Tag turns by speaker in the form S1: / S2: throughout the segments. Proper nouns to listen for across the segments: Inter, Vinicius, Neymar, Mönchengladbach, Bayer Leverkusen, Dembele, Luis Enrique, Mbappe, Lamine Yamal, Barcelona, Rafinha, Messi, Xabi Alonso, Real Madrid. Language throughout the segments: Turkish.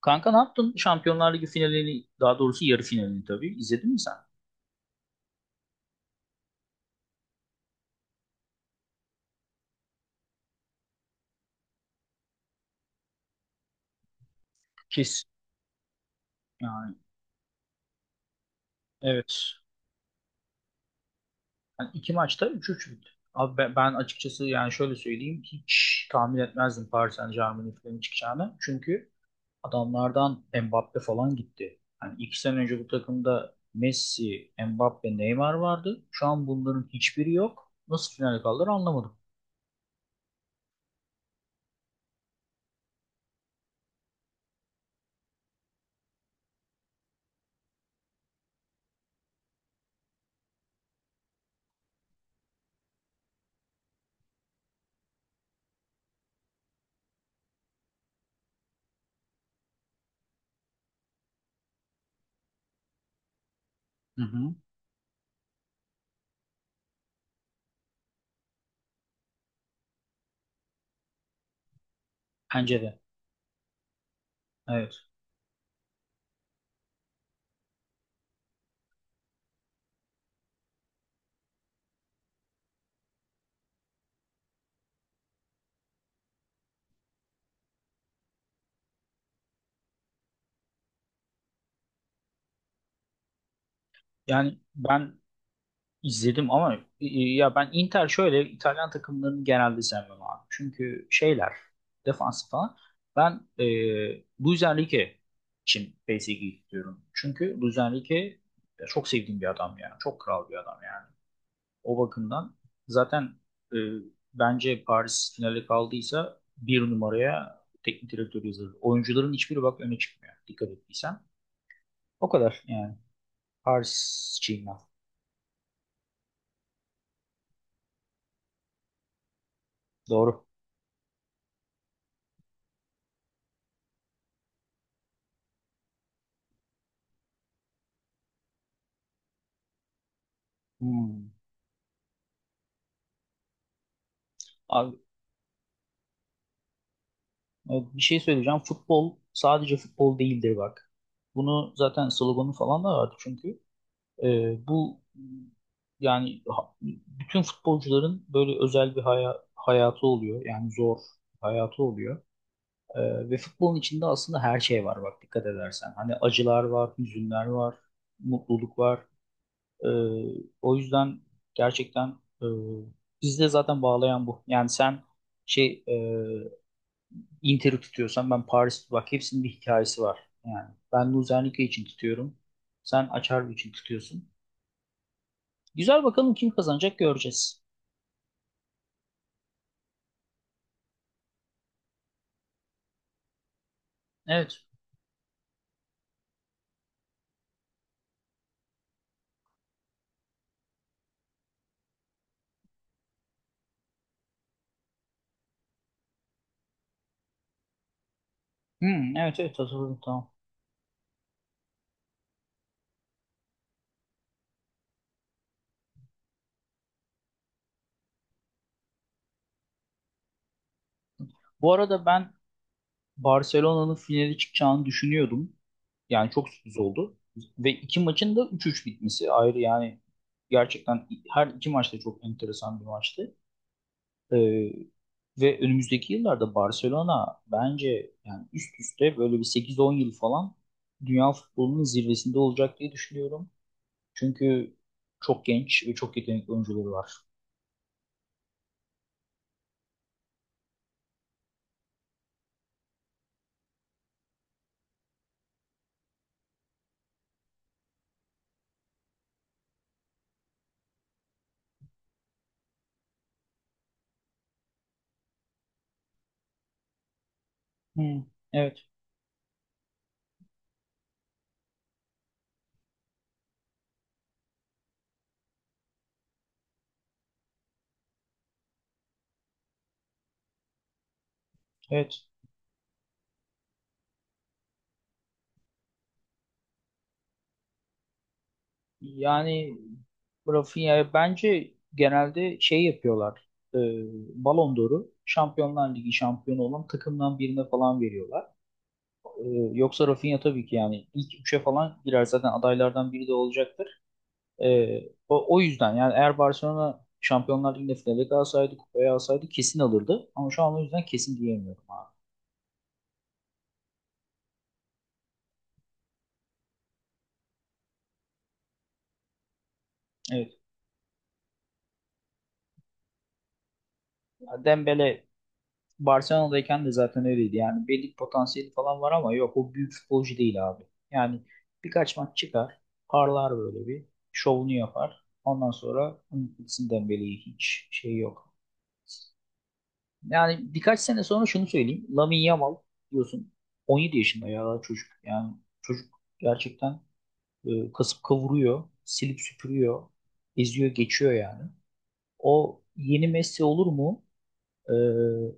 S1: Kanka ne yaptın? Şampiyonlar Ligi finalini, daha doğrusu yarı finalini tabii. İzledin mi sen? Kes. Yani evet. Yani iki maçta üç üç bitti. Abi ben açıkçası yani şöyle söyleyeyim hiç tahmin etmezdim Paris Saint-Germain'in finali çıkacağını. Çünkü adamlardan Mbappe falan gitti. Yani iki sene önce bu takımda Messi, Mbappe, Neymar vardı. Şu an bunların hiçbiri yok. Nasıl finale kaldılar anlamadım. Hı hı. Bence de. Evet. Yani ben İzledim ama ya ben Inter şöyle İtalyan takımlarını genelde sevmem abi. Çünkü şeyler defans falan. Ben Luis Enrique için PSG'yi istiyorum. Çünkü Luis Enrique ya çok sevdiğim bir adam yani. Çok kral bir adam yani. O bakımdan zaten e, bence Paris finale kaldıysa bir numaraya teknik direktör yazılır. Oyuncuların hiçbiri bak öne çıkmıyor. Dikkat ettiysen. O kadar yani. Paris için ben. Doğru. Hmm. Bir şey söyleyeceğim. Futbol sadece futbol değildir bak. Bunu zaten sloganı falan da vardı çünkü. E, bu yani bütün futbolcuların böyle özel bir hayatı oluyor. Yani zor bir hayatı oluyor. Ve futbolun içinde aslında her şey var bak dikkat edersen. Hani acılar var, hüzünler var, mutluluk var. E, o yüzden gerçekten e, bizi de zaten bağlayan bu. Yani sen şey e, Inter'i tutuyorsan ben Paris bak hepsinin bir hikayesi var. Yani ben Luzernike için tutuyorum. Sen Açarbi için tutuyorsun. Güzel bakalım kim kazanacak göreceğiz. Evet. Hmm, evet evet hatırladım tamam. Bu arada ben Barcelona'nın finale çıkacağını düşünüyordum. Yani çok sürpriz oldu. Ve iki maçın da 3-3 bitmesi ayrı yani gerçekten her iki maçta çok enteresan bir maçtı. Ee, ve önümüzdeki yıllarda Barcelona bence yani üst üste böyle bir sekiz on yıl falan dünya futbolunun zirvesinde olacak diye düşünüyorum. Çünkü çok genç ve çok yetenekli oyuncuları var. Hmm, evet, evet. Yani Rafinha bence genelde şey yapıyorlar. E, Ballon d'Or'u Şampiyonlar Ligi şampiyonu olan takımdan birine falan veriyorlar. E, yoksa Rafinha tabii ki yani ilk üçe falan girer zaten adaylardan biri de olacak. Ee, o yüzden yani eğer Barcelona Şampiyonlar Ligi'nde finale kalsaydı, kupayı alsaydı kesin alırdı. Ama şu an o yüzden kesin diyemiyorum abi. Evet. Dembele Barcelona'dayken de zaten öyleydi. Yani belli bir potansiyeli falan var ama yok o büyük futbolcu değil abi. Yani birkaç maç çıkar, parlar böyle bir, şovunu yapar. Ondan sonra gitsin Dembele'yi hiç şey yok. Yani birkaç sene sonra şunu söyleyeyim. Lamine Yamal diyorsun 17 yaşında ya daha çocuk. Yani çocuk gerçekten kasıp kavuruyor, silip süpürüyor, eziyor, geçiyor yani. O yeni Messi olur mu? E,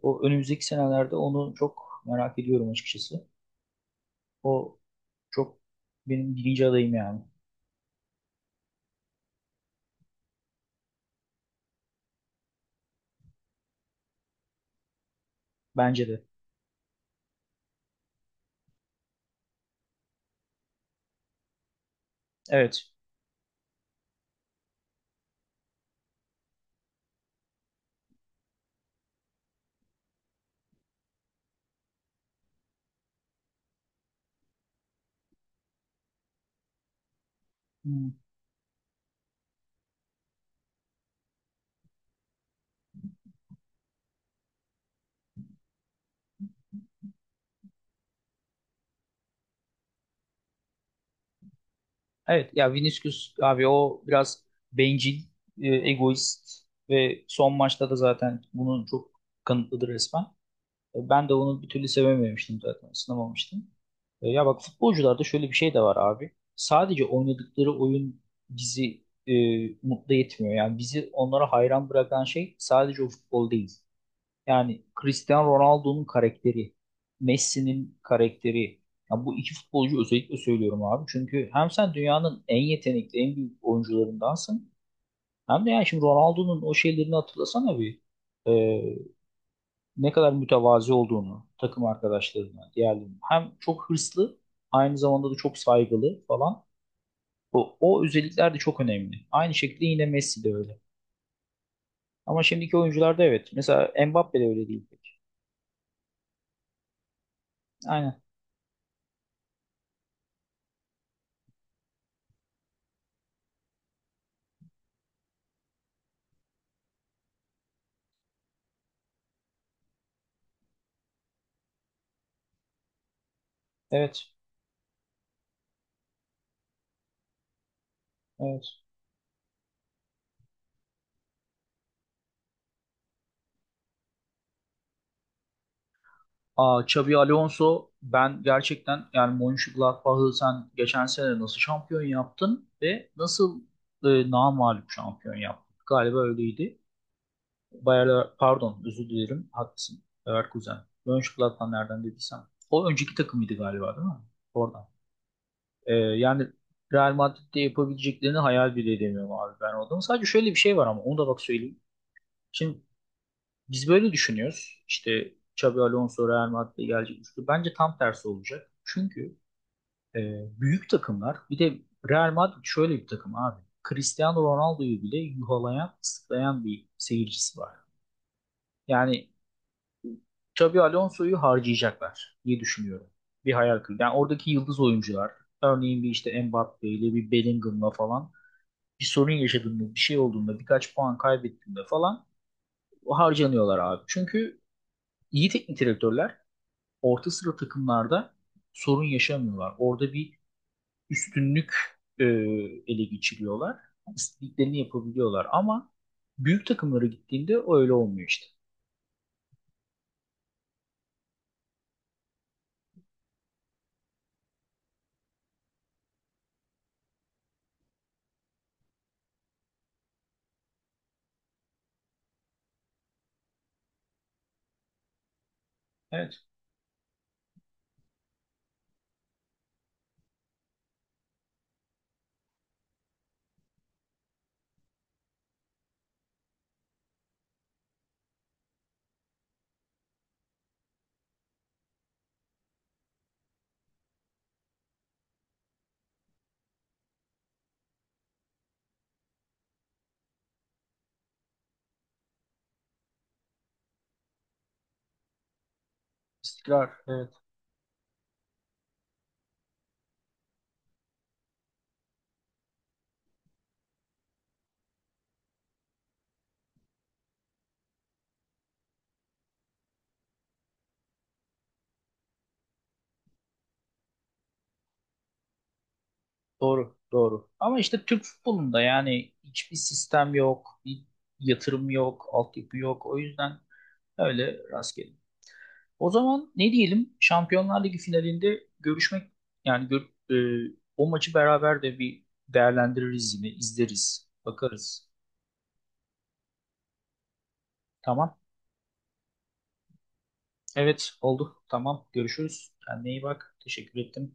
S1: o önümüzdeki senelerde onu çok merak ediyorum açıkçası. O çok benim birinci adayım yani. Bence de. Evet. Hmm. Evet ya Vinicius abi o biraz bencil, egoist ve son maçta da zaten bunun çok kanıtlıdır resmen. Ben de onu bir türlü sevememiştim zaten, ısınamamıştım. Ya bak futbolcularda şöyle bir şey de var abi. Sadece oynadıkları oyun bizi e, mutlu etmiyor. Yani bizi onlara hayran bırakan şey sadece o futbol değil. Yani Cristiano Ronaldo'nun karakteri, Messi'nin karakteri. Ya bu iki futbolcu özellikle söylüyorum abi. Çünkü hem sen dünyanın en yetenekli, en büyük oyuncularındansın. Hem de yani şimdi Ronaldo'nun o şeylerini hatırlasana bir. E, ne kadar mütevazi olduğunu takım arkadaşlarına, diğerlerine hem çok hırslı aynı zamanda da çok saygılı falan. O özellikler de çok önemli. Aynı şekilde yine Messi de öyle. Ama şimdiki oyuncularda evet. Mesela Mbappe de öyle değil pek. Aynen. Evet. Evet. Aa, Xabi Alonso ben gerçekten yani Mönchengladbach'ı sen geçen sene nasıl şampiyon yaptın ve nasıl namağlup şampiyon yaptın? Galiba öyleydi. Pardon özür dilerim haklısın. Leverkusen. Mönchengladbach nereden dediysem. O önceki takımıydı galiba değil mi? Oradan. Yani Real Madrid'de yapabileceklerini hayal bile edemiyorum abi ben oradan. Sadece şöyle bir şey var ama onu da bak söyleyeyim. Şimdi biz böyle düşünüyoruz. İşte Xabi Alonso Real Madrid'e gelecek. Bence tam tersi olacak. Çünkü e, büyük takımlar bir de Real Madrid şöyle bir takım abi. Cristiano Ronaldo'yu bile yuhalayan, ıslıklayan bir seyircisi var. Yani Xabi Alonso'yu harcayacaklar diye düşünüyorum. Bir hayal kırıklığı. Yani oradaki yıldız oyuncular örneğin bir işte Mbappe ile bir Bellingham'la falan bir sorun yaşadığında bir şey olduğunda birkaç puan kaybettiğinde falan harcanıyorlar abi. Çünkü iyi teknik direktörler orta sıra takımlarda sorun yaşamıyorlar. Orada bir üstünlük e, ele geçiriyorlar. İstediklerini yapabiliyorlar ama büyük takımlara gittiğinde öyle olmuyor işte. Evet. İstikrar. Evet. Doğru, doğru. Ama işte Türk futbolunda yani hiçbir sistem yok, bir yatırım yok, altyapı yok. O yüzden öyle rastgele. O zaman ne diyelim? Şampiyonlar Ligi finalinde görüşmek yani o maçı beraber de bir değerlendiririz yine, izleriz, bakarız. Tamam. Evet, oldu. Tamam. Görüşürüz. Kendine iyi bak. Teşekkür ettim.